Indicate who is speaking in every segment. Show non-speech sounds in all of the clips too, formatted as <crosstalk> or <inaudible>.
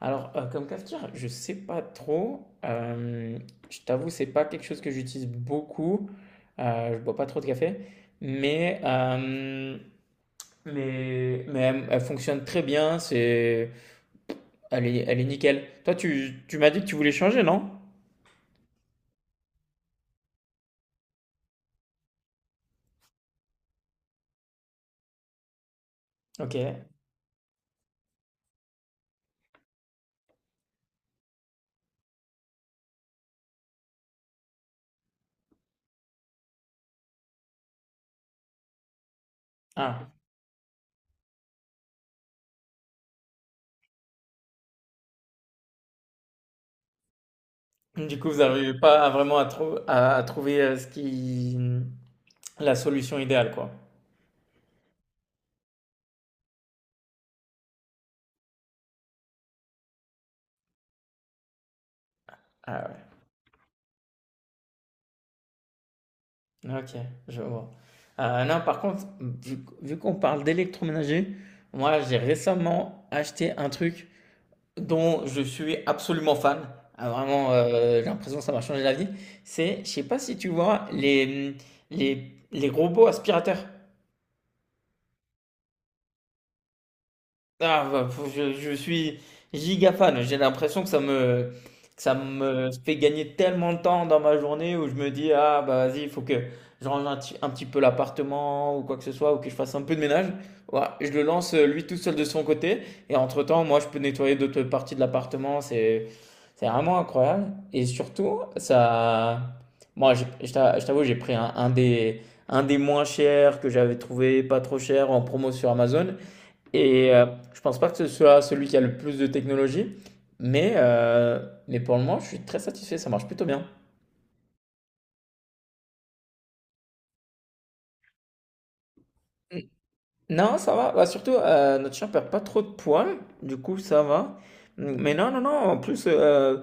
Speaker 1: Alors, comme cafetière, je sais pas trop. Je t'avoue, c'est pas quelque chose que j'utilise beaucoup. Je bois pas trop de café, mais mais elle, elle fonctionne très bien. C'est, elle est nickel. Toi, tu m'as dit que tu voulais changer, non? Ok. Ah. Du coup, vous n'arrivez pas à vraiment à, à trouver ce qui la solution idéale, quoi. Ah ouais. OK, je vois. Non, par contre, vu qu'on parle d'électroménager, moi, j'ai récemment acheté un truc dont je suis absolument fan. Ah, vraiment, j'ai l'impression que ça m'a changé la vie. C'est, je sais pas si tu vois les, mmh, les robots aspirateurs? Ah, bah, je suis giga fan. J'ai l'impression que que ça me fait gagner tellement de temps dans ma journée où je me dis, ah, bah vas-y, il faut que je range un petit peu l'appartement ou quoi que ce soit, ou que je fasse un peu de ménage. Voilà, je le lance lui tout seul de son côté. Et entre-temps, moi, je peux nettoyer d'autres parties de l'appartement. C'est vraiment incroyable. Et surtout, ça. Moi, je t'avoue, j'ai pris un des moins chers que j'avais trouvé, pas trop cher, en promo sur Amazon. Et je pense pas que ce soit celui qui a le plus de technologie, mais, euh, mais pour le moment, je suis très satisfait, ça marche plutôt bien. Mm. Non, ça va. Bah, surtout, notre chien perd pas trop de poils, du coup, ça va. Mm, mais non, non, non, en plus,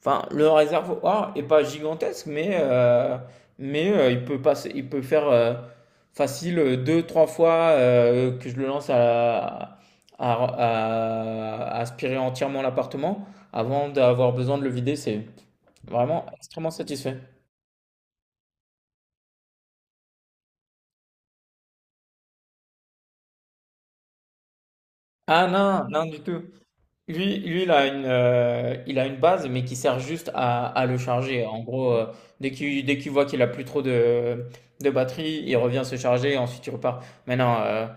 Speaker 1: enfin, le réservoir est pas gigantesque, mais, il peut passer, il peut faire facile deux, trois fois que je le lance à, à aspirer entièrement l'appartement avant d'avoir besoin de le vider. C'est vraiment extrêmement satisfait. Ah non, non du tout. Lui, il a une base, mais qui sert juste à le charger. En gros, dès qu'il voit qu'il a plus trop de batterie, il revient se charger et ensuite il repart. Maintenant, euh,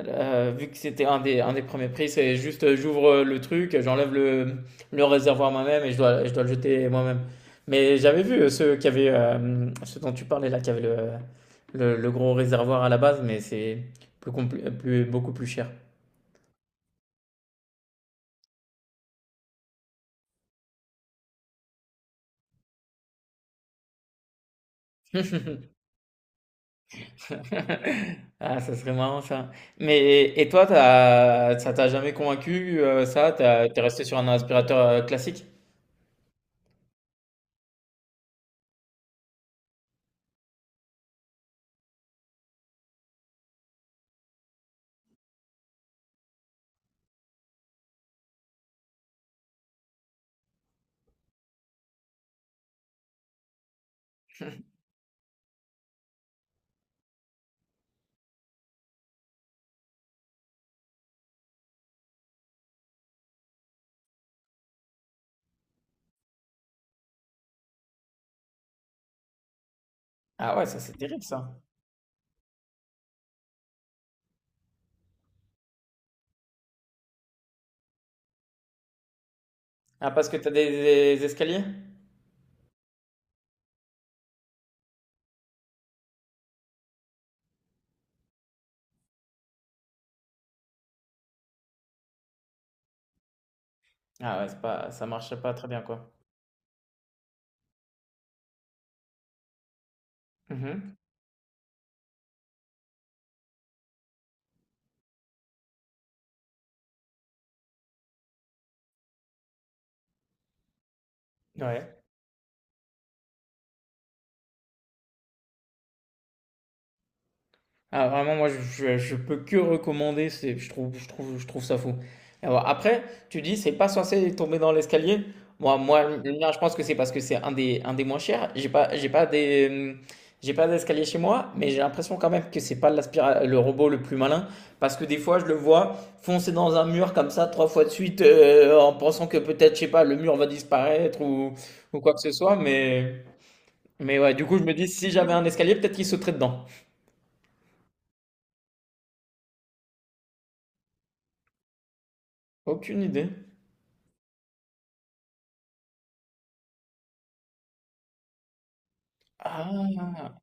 Speaker 1: euh, vu que c'était un des premiers prix, c'est juste j'ouvre le truc, j'enlève le réservoir moi-même et je dois le jeter moi-même. Mais j'avais vu ceux qui avaient, ceux dont tu parlais là, qui avaient le, le gros réservoir à la base, mais c'est plus, plus beaucoup plus cher. <laughs> Ah, ça serait marrant ça. Mais et toi, t'as, ça t'a jamais convaincu ça? T'es resté sur un aspirateur classique? Ah ouais, ça c'est terrible ça. Ah parce que t'as des escaliers? Ah ouais, c'est pas, ça marche pas très bien quoi. Mhm. Ouais. Ah vraiment moi je peux que recommander, c'est je trouve ça fou. Alors après, tu dis c'est pas censé tomber dans l'escalier. Moi le mien, je pense que c'est parce que c'est un des moins chers. J'ai pas des hum, j'ai pas d'escalier chez moi, mais j'ai l'impression quand même que c'est pas le robot le plus malin parce que des fois je le vois foncer dans un mur comme ça trois fois de suite en pensant que peut-être je sais pas le mur va disparaître ou quoi que ce soit mais du coup je me dis si j'avais un escalier, peut-être qu'il sauterait dedans. Aucune idée. Ah.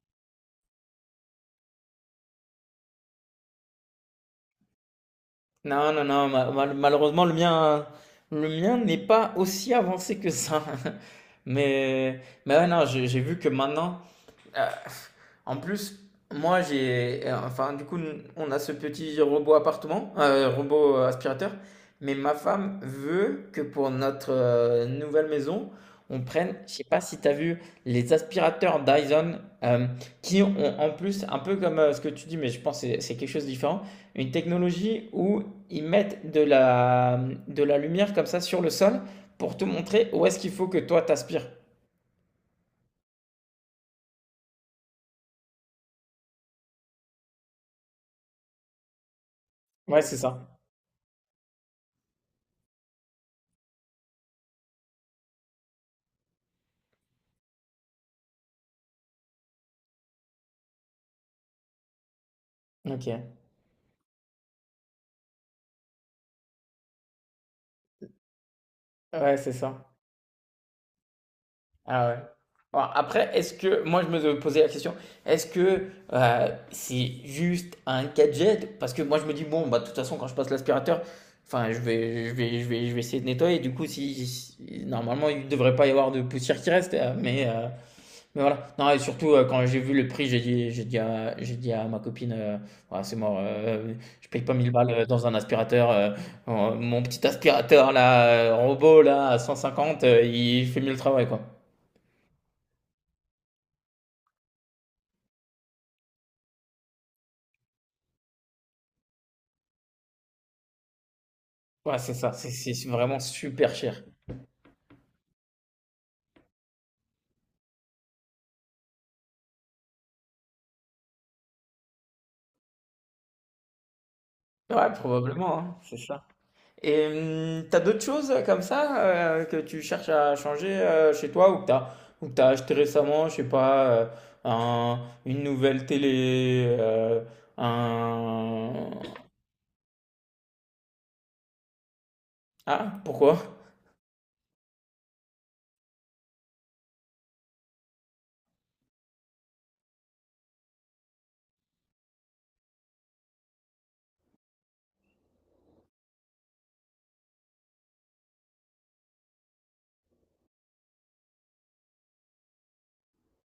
Speaker 1: Non, non, non, malheureusement, le mien n'est pas aussi avancé que ça. <laughs> Mais ouais, non, j'ai vu que maintenant, euh, en plus, moi j'ai, enfin du coup, on a ce petit robot appartement, robot aspirateur, mais ma femme veut que pour notre nouvelle maison, on prenne, je sais pas si tu as vu, les aspirateurs Dyson, qui ont en plus, un peu comme ce que tu dis, mais je pense que c'est quelque chose de différent, une technologie où ils mettent de la lumière comme ça sur le sol pour te montrer où est-ce qu'il faut que toi t'aspires. Ouais, c'est ça. Ok. Ouais, c'est ça. Ah ouais. Bon, après, est-ce que, moi je me posais la question, est-ce que c'est juste un gadget? Parce que moi je me dis, bon, bah, de toute façon, quand je passe l'aspirateur, enfin, je vais essayer de nettoyer. Du coup, si, normalement, il ne devrait pas y avoir de poussière qui reste. Mais voilà. Non, et surtout, quand j'ai vu le prix, j'ai dit à ma copine, ouais, c'est mort, je paye pas 1000 balles dans un aspirateur. Mon petit aspirateur, là, robot, là, à 150, il fait mieux le travail, quoi. Ouais, c'est ça, c'est vraiment super cher. Ouais, probablement, hein, c'est ça. Et t'as d'autres choses comme ça que tu cherches à changer chez toi ou que t'as acheté récemment, je sais pas, un- une nouvelle télé, un... Ah, pourquoi?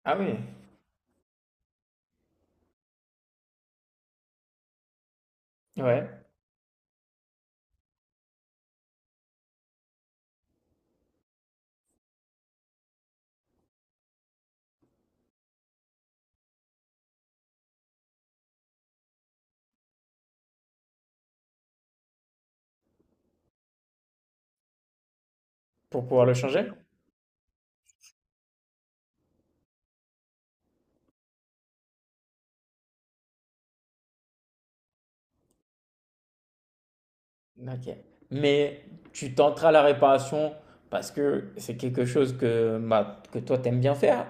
Speaker 1: Ah oui, ouais, pour pouvoir le changer? Ok. Mais tu tenteras la réparation parce que c'est quelque chose que, bah, que toi t'aimes bien faire.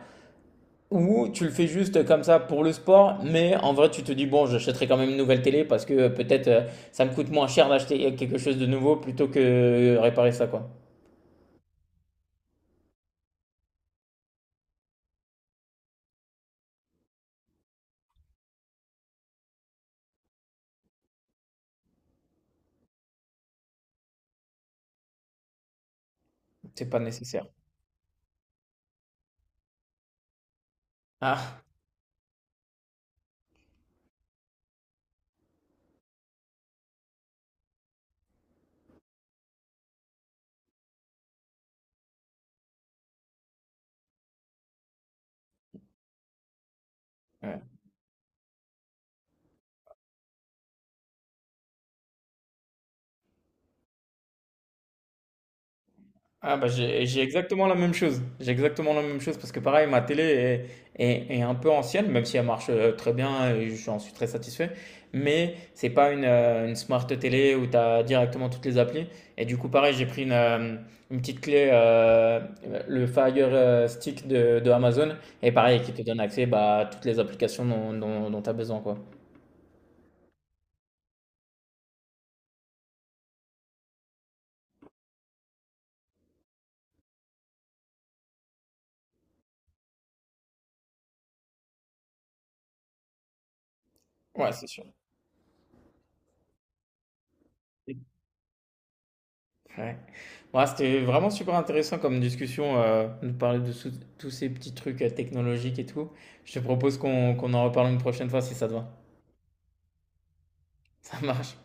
Speaker 1: Ou tu le fais juste comme ça pour le sport, mais en vrai tu te dis bon j'achèterai quand même une nouvelle télé parce que peut-être ça me coûte moins cher d'acheter quelque chose de nouveau plutôt que réparer ça quoi. C'est pas nécessaire. Ah ouais. Ah bah j'ai exactement la même chose. J'ai exactement la même chose parce que pareil, ma télé est, est un peu ancienne, même si elle marche très bien et j'en suis très satisfait. Mais c'est pas une, une smart télé où tu as directement toutes les applis. Et du coup, pareil, j'ai pris une petite clé, le Fire Stick de Amazon, et pareil, qui te donne accès bah, à toutes les applications dont, dont, tu as besoin, quoi. Ouais, c'est sûr. Ouais. Bon, c'était vraiment super intéressant comme discussion, de parler de tous ces petits trucs technologiques et tout. Je te propose qu'on en reparle une prochaine fois si ça te va. <laughs> Ça marche.